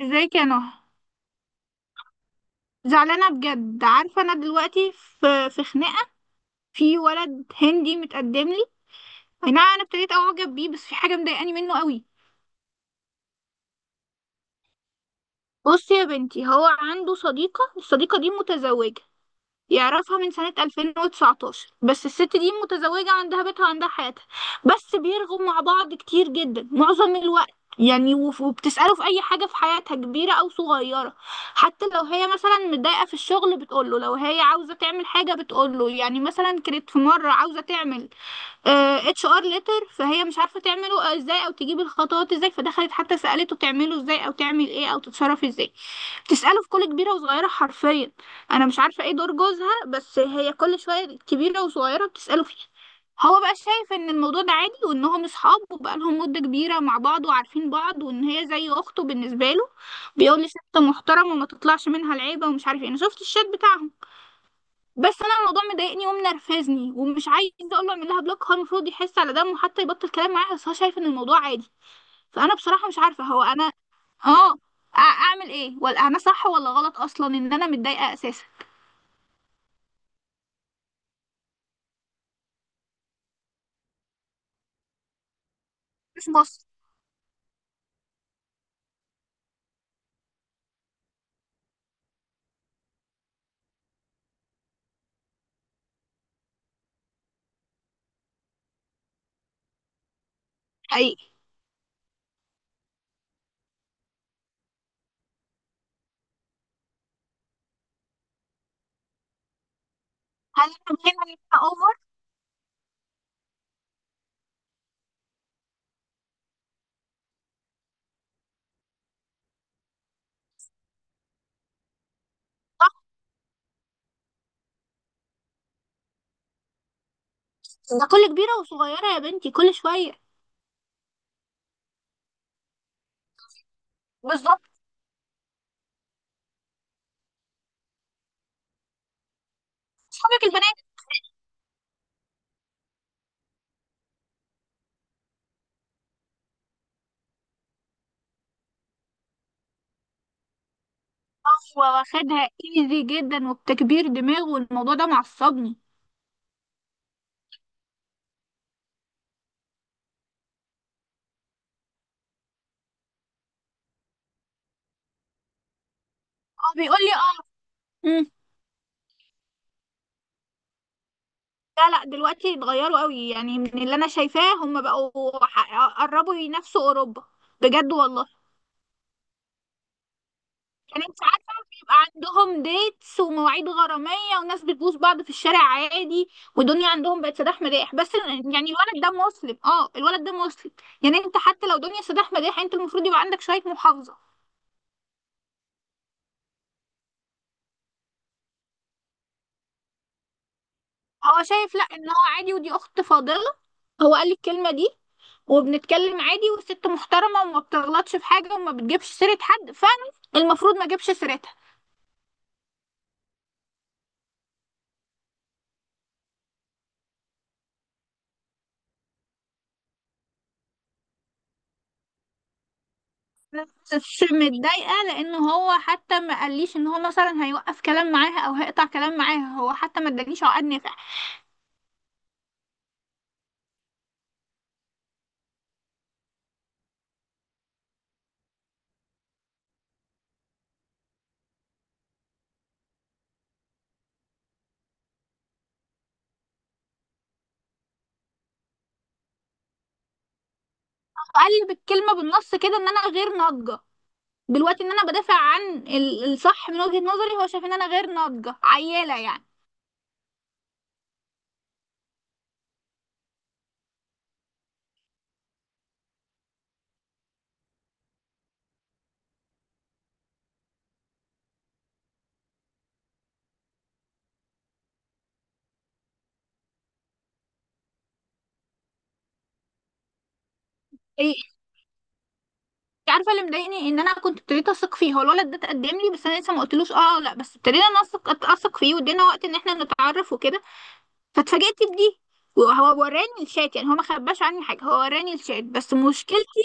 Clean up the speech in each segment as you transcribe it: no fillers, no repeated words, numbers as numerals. ازيك يا نهى؟ زعلانه بجد، عارفه انا دلوقتي في خناقه. في ولد هندي متقدم لي. اي نعم انا ابتديت اعجب بيه، بس في حاجه مضايقاني منه قوي. بصي يا بنتي، هو عنده صديقه، الصديقه دي متزوجه، يعرفها من سنة 2019، بس الست دي متزوجة عندها بيتها وعندها حياتها. بس بيرغوا مع بعض كتير جدا معظم الوقت، يعني وبتسأله في أي حاجة في حياتها كبيرة أو صغيرة. حتى لو هي مثلا متضايقة في الشغل بتقوله، لو هي عاوزة تعمل حاجة بتقوله، يعني مثلا كانت في مرة عاوزة تعمل HR ليتر، فهي مش عارفة تعمله ازاي أو تجيب الخطوات ازاي، فدخلت حتى سألته تعمله ازاي أو تعمل ايه أو تتصرف ازاي. تسأله في كل كبيرة وصغيرة حرفيا. أنا مش عارفة إيه دور جوزها، بس هي كل شوية كبيرة وصغيرة بتسأله فيه. هو بقى شايف إن الموضوع ده عادي وإنهم أصحاب وبقالهم مدة كبيرة مع بعض وعارفين بعض وإن هي زي أخته بالنسبة له. بيقول لي ست محترمة وما تطلعش منها العيبة ومش عارف إيه، أنا شفت الشات بتاعهم. بس أنا الموضوع مضايقني ومنرفزني ومش عايزة أقول له أعمل لها بلوك، هو المفروض يحس على دمه وحتى يبطل كلام معاها، بس هو شايف إن الموضوع عادي. فانا بصراحه مش عارفه هو انا اعمل ايه، ولا انا صح ولا غلط اصلا ان انا متضايقه اساسا. مش مصر. حقيقي. هل انا دايما ببقى اوفر؟ ده كل كبيره وصغيره يا بنتي، كل شويه. بالظبط. اصحابك البنات. هو واخدها ايزي جدا وبتكبير دماغ والموضوع ده معصبني. اه بيقول لي اه. مم. لا لا دلوقتي اتغيروا قوي، يعني من اللي انا شايفاه هم بقوا قربوا ينافسوا اوروبا. بجد والله. يعني انت عارفه بيبقى عندهم ديتس ومواعيد غراميه وناس بتبوس بعض في الشارع عادي، والدنيا عندهم بقت سداح مداح بس. يعني الولد ده مسلم، اه الولد ده مسلم. يعني انت حتى لو دنيا سداح مداح انت المفروض يبقى عندك شويه محافظه. هو شايف لا ان هو عادي ودي اخت فاضله، هو قال لي الكلمه دي. وبنتكلم عادي والست محترمه وما بتغلطش في حاجه وما بتجيبش سيره حد، فانا المفروض ما اجيبش سيرتها. بس متضايقة لأنه هو حتى ما قاليش إن هو مثلا هيوقف كلام معاها أو هيقطع كلام معاها، هو حتى ما ادانيش عقد نافع. قال بالكلمة بالنص كده إن أنا غير ناضجة دلوقتي، إن أنا بدافع عن الصح من وجهة نظري، هو شايف إن أنا غير ناضجة عيالة يعني. إيه؟ إنت عارفة اللي مضايقني إن أنا كنت ابتديت أثق فيه، هو الولد ده اتقدم لي بس أنا لسه ما قلتلوش أه أو لأ، بس ابتدينا أثق فيه وادينا وقت إن إحنا نتعرف وكده، فاتفاجئت بدي. وهو وراني الشات، يعني هو ما خباش عني حاجة، هو وراني الشات، بس مشكلتي.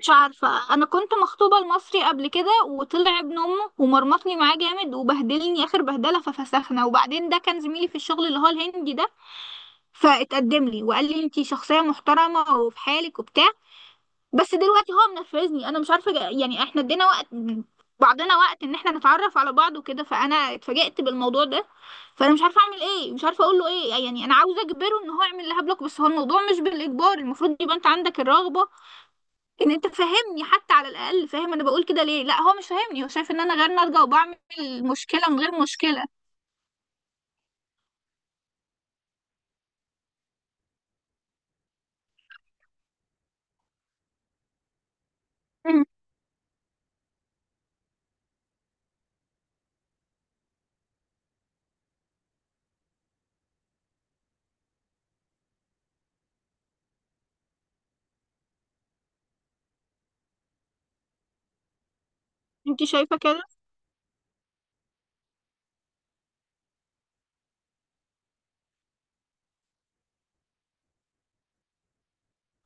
مش عارفة، أنا كنت مخطوبة لمصري قبل كده وطلع ابن أمه ومرمطني معاه جامد وبهدلني آخر بهدلة ففسخنا، وبعدين ده كان زميلي في الشغل اللي هو الهندي ده، فاتقدم لي وقال لي انتي شخصية محترمة وفي حالك وبتاع. بس دلوقتي هو منرفزني، أنا مش عارفة يعني احنا ادينا وقت بعضنا وقت إن احنا نتعرف على بعض وكده، فأنا اتفاجئت بالموضوع ده. فأنا مش عارفة أعمل إيه، مش عارفة أقول له إيه، يعني أنا عاوزة أجبره إن هو يعمل لها بلوك، بس هو الموضوع مش بالإجبار، المفروض يبقى أنت عندك الرغبة ان انت فاهمني حتى، على الاقل فاهم انا بقول كده ليه. لا هو مش فاهمني، هو شايف ان انا غير ناضجه وبعمل مشكله من غير مشكله. مم. انت شايفه كده؟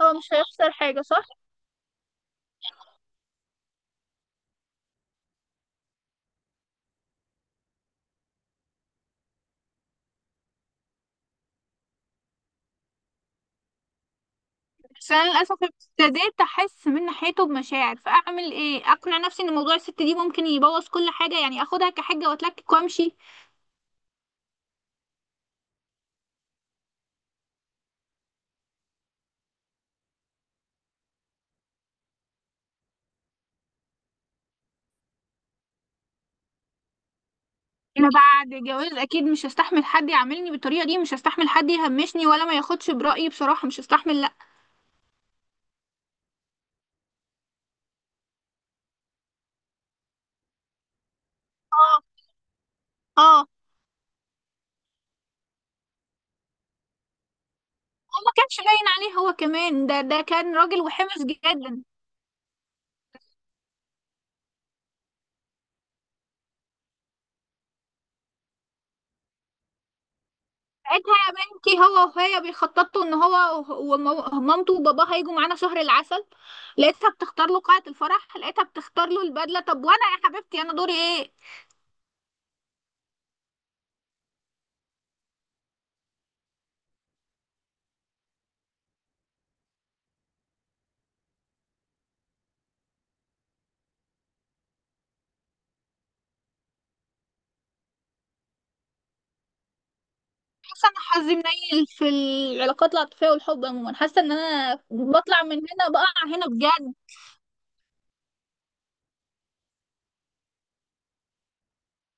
هو مش هيخسر حاجه صح؟ بس انا للاسف ابتديت احس من ناحيته بمشاعر، فاعمل ايه، اقنع نفسي ان موضوع الست دي ممكن يبوظ كل حاجه يعني، اخدها كحجه واتلكك وامشي. انا بعد جواز اكيد مش هستحمل حد يعاملني بالطريقه دي، مش هستحمل حد يهمشني ولا ما ياخدش برايي بصراحه، مش هستحمل لا. اه. اه هو ما كانش باين عليه هو كمان، ده كان راجل وحمص جدا. ساعتها يا بنتي هو وهي بيخططوا ان هو مامته وباباه هيجوا معانا شهر العسل. لقيتها بتختار له قاعة الفرح، لقيتها بتختار له البدلة، طب وانا يا حبيبتي انا دوري ايه؟ حاسه ان حظي منيل في العلاقات العاطفية والحب عموما، حاسه ان انا بطلع من هنا بقع هنا بجد.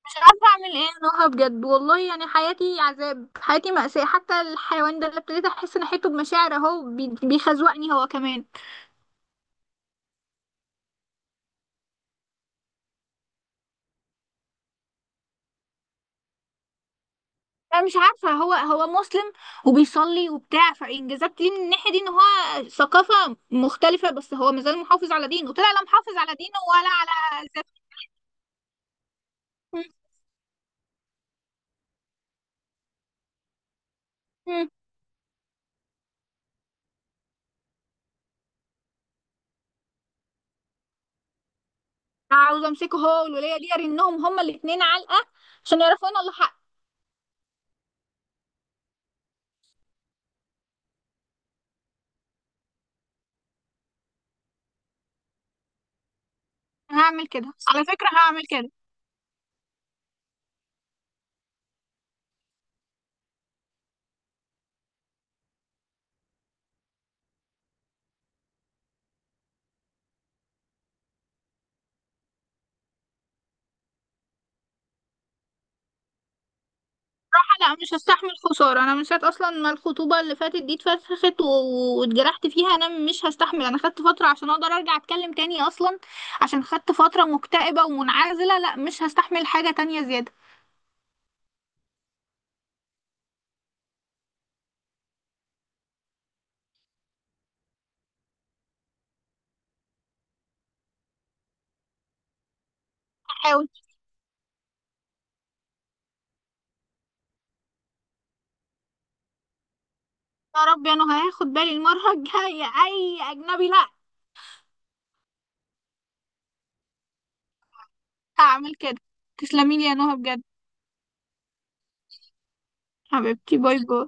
مش عارفة اعمل ايه نهى بجد والله، يعني حياتي عذاب حياتي مأساة، حتى الحيوان ده اللي ابتديت احس ان حيته بمشاعر اهو بيخزوقني هو كمان. انا مش عارفه هو مسلم وبيصلي وبتاع، فانجازات ليه من الناحيه دي ان هو ثقافه مختلفه، بس هو مازال محافظ على دينه، طلع لا محافظ على دينه ولا على ذاته. م- م. عاوز امسكه هو والوليه دي ارنهم هما الاثنين علقه عشان يعرفوا ان الله حق. أنا هعمل كده على فكره، هعمل كده. لا مش هستحمل خسارة، أنا من ساعة أصلا ما الخطوبة اللي فاتت دي اتفسخت واتجرحت فيها أنا مش هستحمل. أنا خدت فترة عشان أقدر أرجع أتكلم تاني أصلا، عشان خدت فترة مكتئبة ومنعزلة، لا مش هستحمل حاجة تانية زيادة. هحاول. يا رب يا نهى، هاخد بالي المرة الجاية أي أجنبي لا. هعمل كده. تسلميلي يا نهى بجد، حبيبتي، باي باي.